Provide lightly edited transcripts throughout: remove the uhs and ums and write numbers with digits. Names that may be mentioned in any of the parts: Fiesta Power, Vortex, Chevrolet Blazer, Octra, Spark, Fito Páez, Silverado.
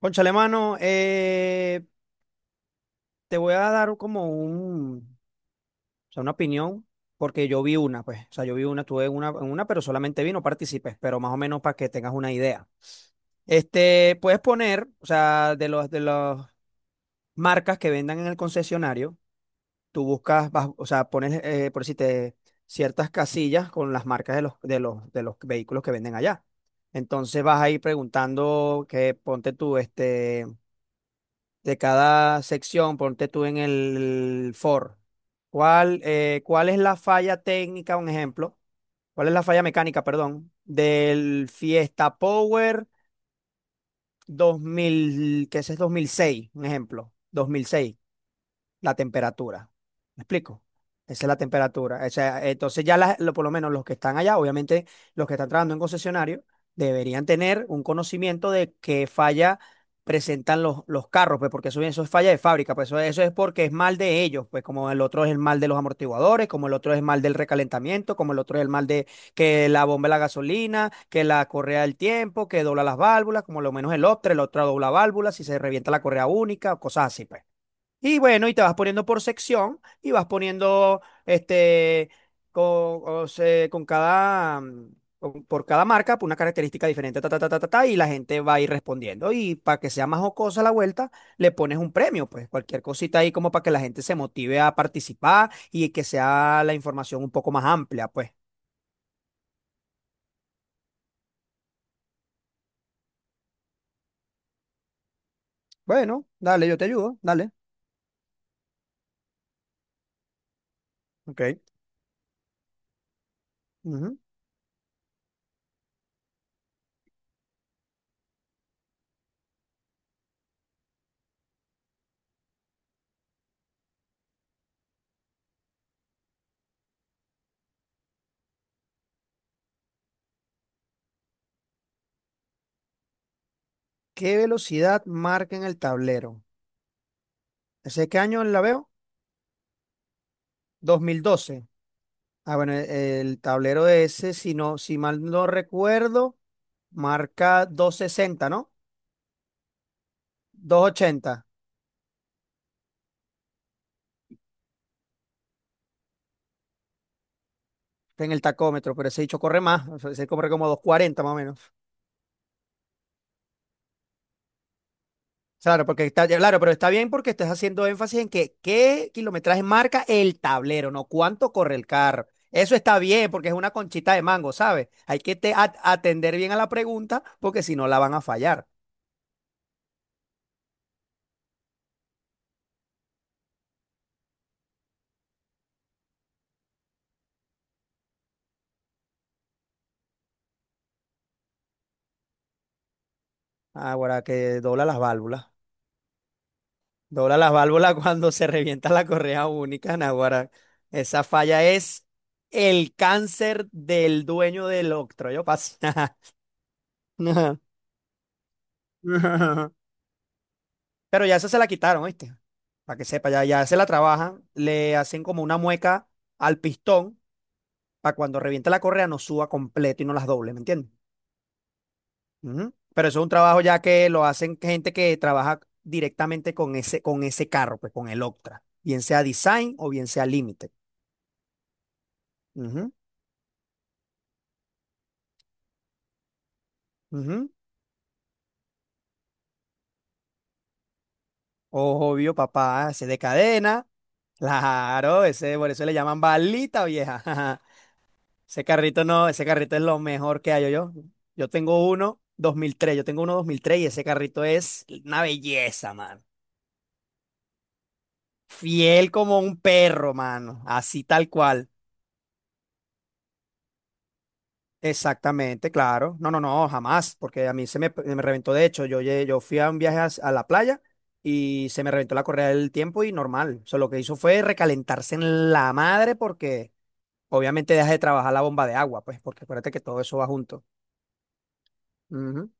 Cónchale, mano, te voy a dar como un, o sea, una opinión, porque yo vi una, pues, o sea, yo vi una, tuve una, en una, pero solamente vi, no participé, pero más o menos para que tengas una idea. Puedes poner, o sea, de los, de las marcas que vendan en el concesionario, tú buscas, o sea, pones, por decirte, ciertas casillas con las marcas de los vehículos que venden allá. Entonces vas a ir preguntando que ponte tú. De cada sección, ponte tú en el for. ¿Cuál es la falla técnica, un ejemplo? ¿Cuál es la falla mecánica, perdón, del Fiesta Power 2000, que ese es 2006? Un ejemplo, 2006 la temperatura. ¿Me explico? Esa es la temperatura. O sea, entonces ya por lo menos los que están allá, obviamente los que están trabajando en concesionario, deberían tener un conocimiento de qué falla presentan los carros, pues porque eso es falla de fábrica, pues eso es porque es mal de ellos, pues como el otro es el mal de los amortiguadores, como el otro es el mal del recalentamiento, como el otro es el mal de que la bomba de la gasolina, que la correa del tiempo, que dobla las válvulas, como lo menos el otro dobla válvulas, si se revienta la correa única, cosas así, pues. Y bueno, y te vas poniendo por sección y vas poniendo este con, o se- con cada mm, con- por cada marca, pues, una característica diferente, ta, ta, ta, ta, ta, ta, y la gente va a ir respondiendo. Y para que sea más jocosa la vuelta, le pones un premio, pues cualquier cosita ahí como para que la gente se motive a participar y que sea la información un poco más amplia, pues. Bueno, dale, yo te ayudo, dale. Ok. Ujú. ¿Qué velocidad marca en el tablero? ¿Ese qué año la veo? 2012. Ah, bueno, el tablero ese, si no, si mal no recuerdo, marca 260, ¿no? 280 en el tacómetro, pero ese dicho corre más, o sea, ese corre como 240, más o menos. Claro, porque está, claro, pero está bien porque estás haciendo énfasis en que qué kilometraje marca el tablero, no cuánto corre el carro. Eso está bien porque es una conchita de mango, ¿sabes? Hay que atender bien a la pregunta porque si no la van a fallar. Ahora que dobla las válvulas. Dobla las válvulas cuando se revienta la correa única, Naguará. Esa falla es el cáncer del dueño del octroyo. Pero ya eso se la quitaron, ¿viste? Para que sepa, ya se la trabajan, le hacen como una mueca al pistón para cuando reviente la correa no suba completo y no las doble, ¿me entiendes? Ujú. Pero eso es un trabajo ya que lo hacen gente que trabaja directamente con ese, carro, pues con el Octra, bien sea design o bien sea límite. Ujú, ujú. Obvio, papá, ese es de cadena. Claro, ese, por eso le llaman balita vieja. Ese carrito no, ese carrito es lo mejor que hay yo. Yo tengo uno 2003 y ese carrito es una belleza, mano. Fiel como un perro, mano. Así tal cual. Exactamente, claro. No, no, no, jamás, porque a mí se me reventó. De hecho, yo fui a un viaje a la playa y se me reventó la correa del tiempo y normal. O sea, lo que hizo fue recalentarse en la madre porque obviamente dejas de trabajar la bomba de agua, pues, porque acuérdate que todo eso va junto. Ujú.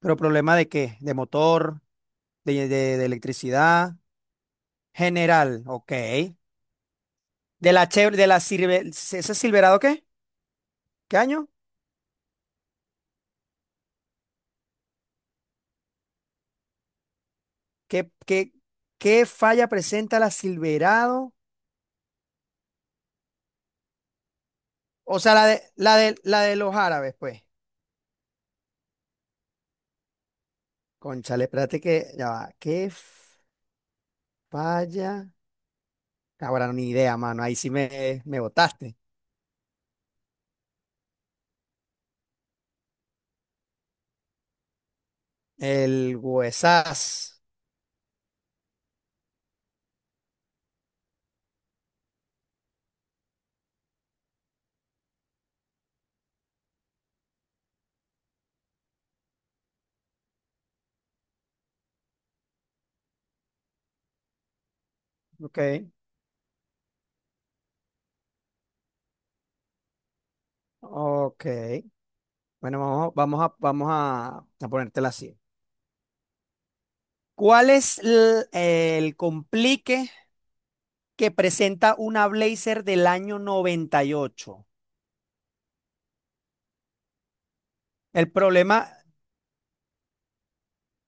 ¿Pero problema de qué? De motor, de electricidad, general, ok. De la chev de la Silver, ¿Ese Silverado qué? ¿Qué año? ¿Qué, qué, qué falla presenta la Silverado? O sea, la de, los árabes, pues. Cónchale, espérate que, ya va. ¿Qué falla? Ahora ni idea, mano. Ahí sí me botaste. El huesaz. Ok. Ok. Bueno, vamos a ponértela así. ¿Cuál es el complique que presenta una Blazer del año 98? El problema,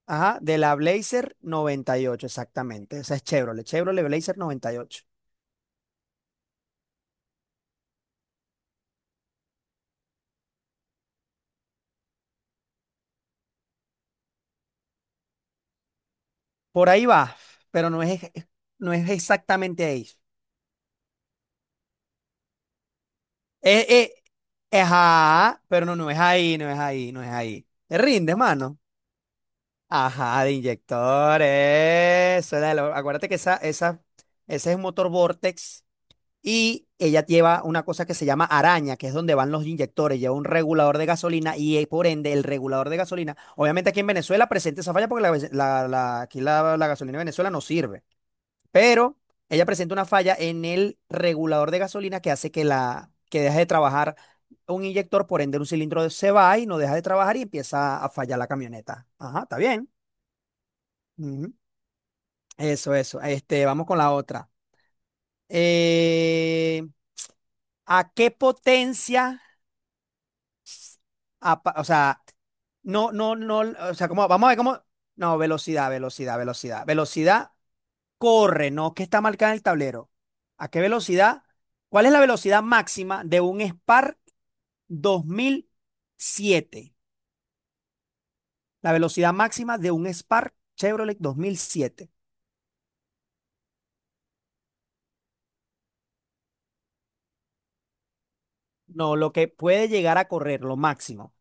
ajá, de la Blazer 98 exactamente. Esa es Chevrolet Blazer 98. Por ahí va, pero no es exactamente ahí. Eh, ajá, pero no, no es ahí, no es ahí, no es ahí. Te rindes, mano. Ajá, de inyectores. Acuérdate que ese es un motor Vortex y ella lleva una cosa que se llama araña, que es donde van los inyectores. Lleva un regulador de gasolina y por ende el regulador de gasolina. Obviamente aquí en Venezuela presenta esa falla porque la, ve- la- la- aquí la gasolina de Venezuela no sirve. Pero ella presenta una falla en el regulador de gasolina que hace que deje de trabajar un inyector, por ende un cilindro se va y no deja de trabajar y empieza a fallar la camioneta. Ajá, está bien. Ujú. Eso, eso. Vamos con la otra. Eh, ¿A qué potencia? O sea, no, no, no, o sea, ¿cómo? Vamos a ver cómo. No, velocidad, velocidad, velocidad. Velocidad corre, ¿no? ¿Qué está marcada en el tablero? ¿A qué velocidad? ¿Cuál es la velocidad máxima de un Spark 2007? La velocidad máxima de un Spark Chevrolet 2007. No, lo que puede llegar a correr, lo máximo.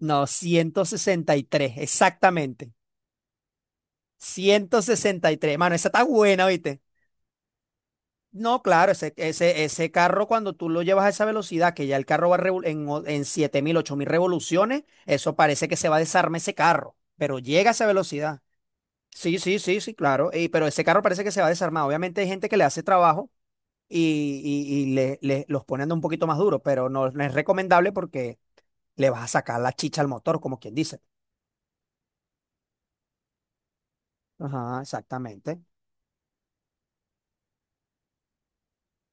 No, 163, exactamente. 163. Mano, esa está buena, ¿viste? No, claro, ese carro cuando tú lo llevas a esa velocidad, que ya el carro va en 7000, 8000 revoluciones, eso parece que se va a desarmar ese carro, pero llega a esa velocidad. Sí, sí, sí, sí, claro. Y, pero ese carro parece que se va a desarmar. Obviamente hay gente que le hace trabajo y le, los pone a un poquito más duro, pero no es recomendable porque le vas a sacar la chicha al motor, como quien dice. Ajá, exactamente.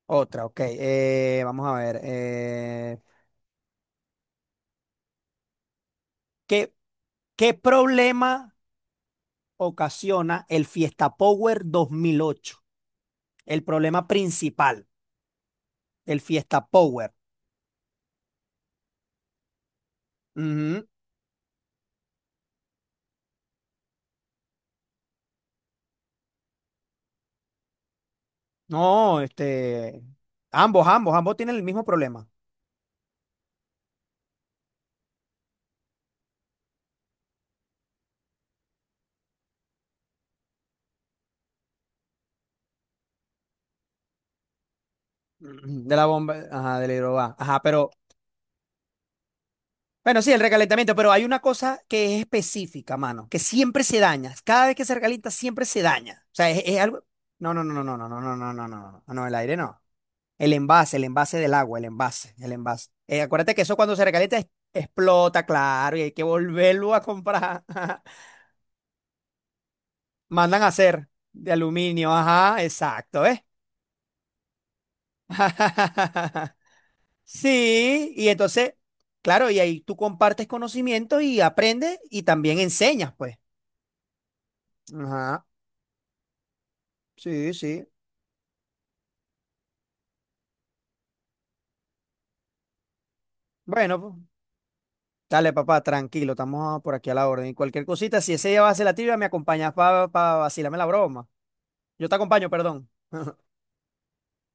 Otra, ok. Vamos a ver. ¿Qué, qué problema ocasiona el Fiesta Power 2008? El problema principal, el Fiesta Power. Ujú. No, ambos, ambos, ambos tienen el mismo problema. Ujú. De la bomba, ajá, del hidrobá. Ajá, pero, bueno, sí, el recalentamiento, pero hay una cosa que es específica, mano, que siempre se daña. Cada vez que se recalienta, siempre se daña. O sea, es algo. No, no, no, no, no, no, no, no, no, no, no, no, no, el aire no. El envase del agua, el envase, el envase. Acuérdate que eso cuando se recalienta explota, claro, y hay que volverlo a comprar. Mandan a hacer de aluminio, ajá, exacto, ¿ves? Sí, y entonces, claro, y ahí tú compartes conocimiento y aprendes y también enseñas, pues. Ajá, sí, sí. Bueno, pues, dale, papá, tranquilo, estamos por aquí a la orden. Y cualquier cosita, si ese día va a hacer la tibia, me acompañas para vacilarme la broma. Yo te acompaño, perdón.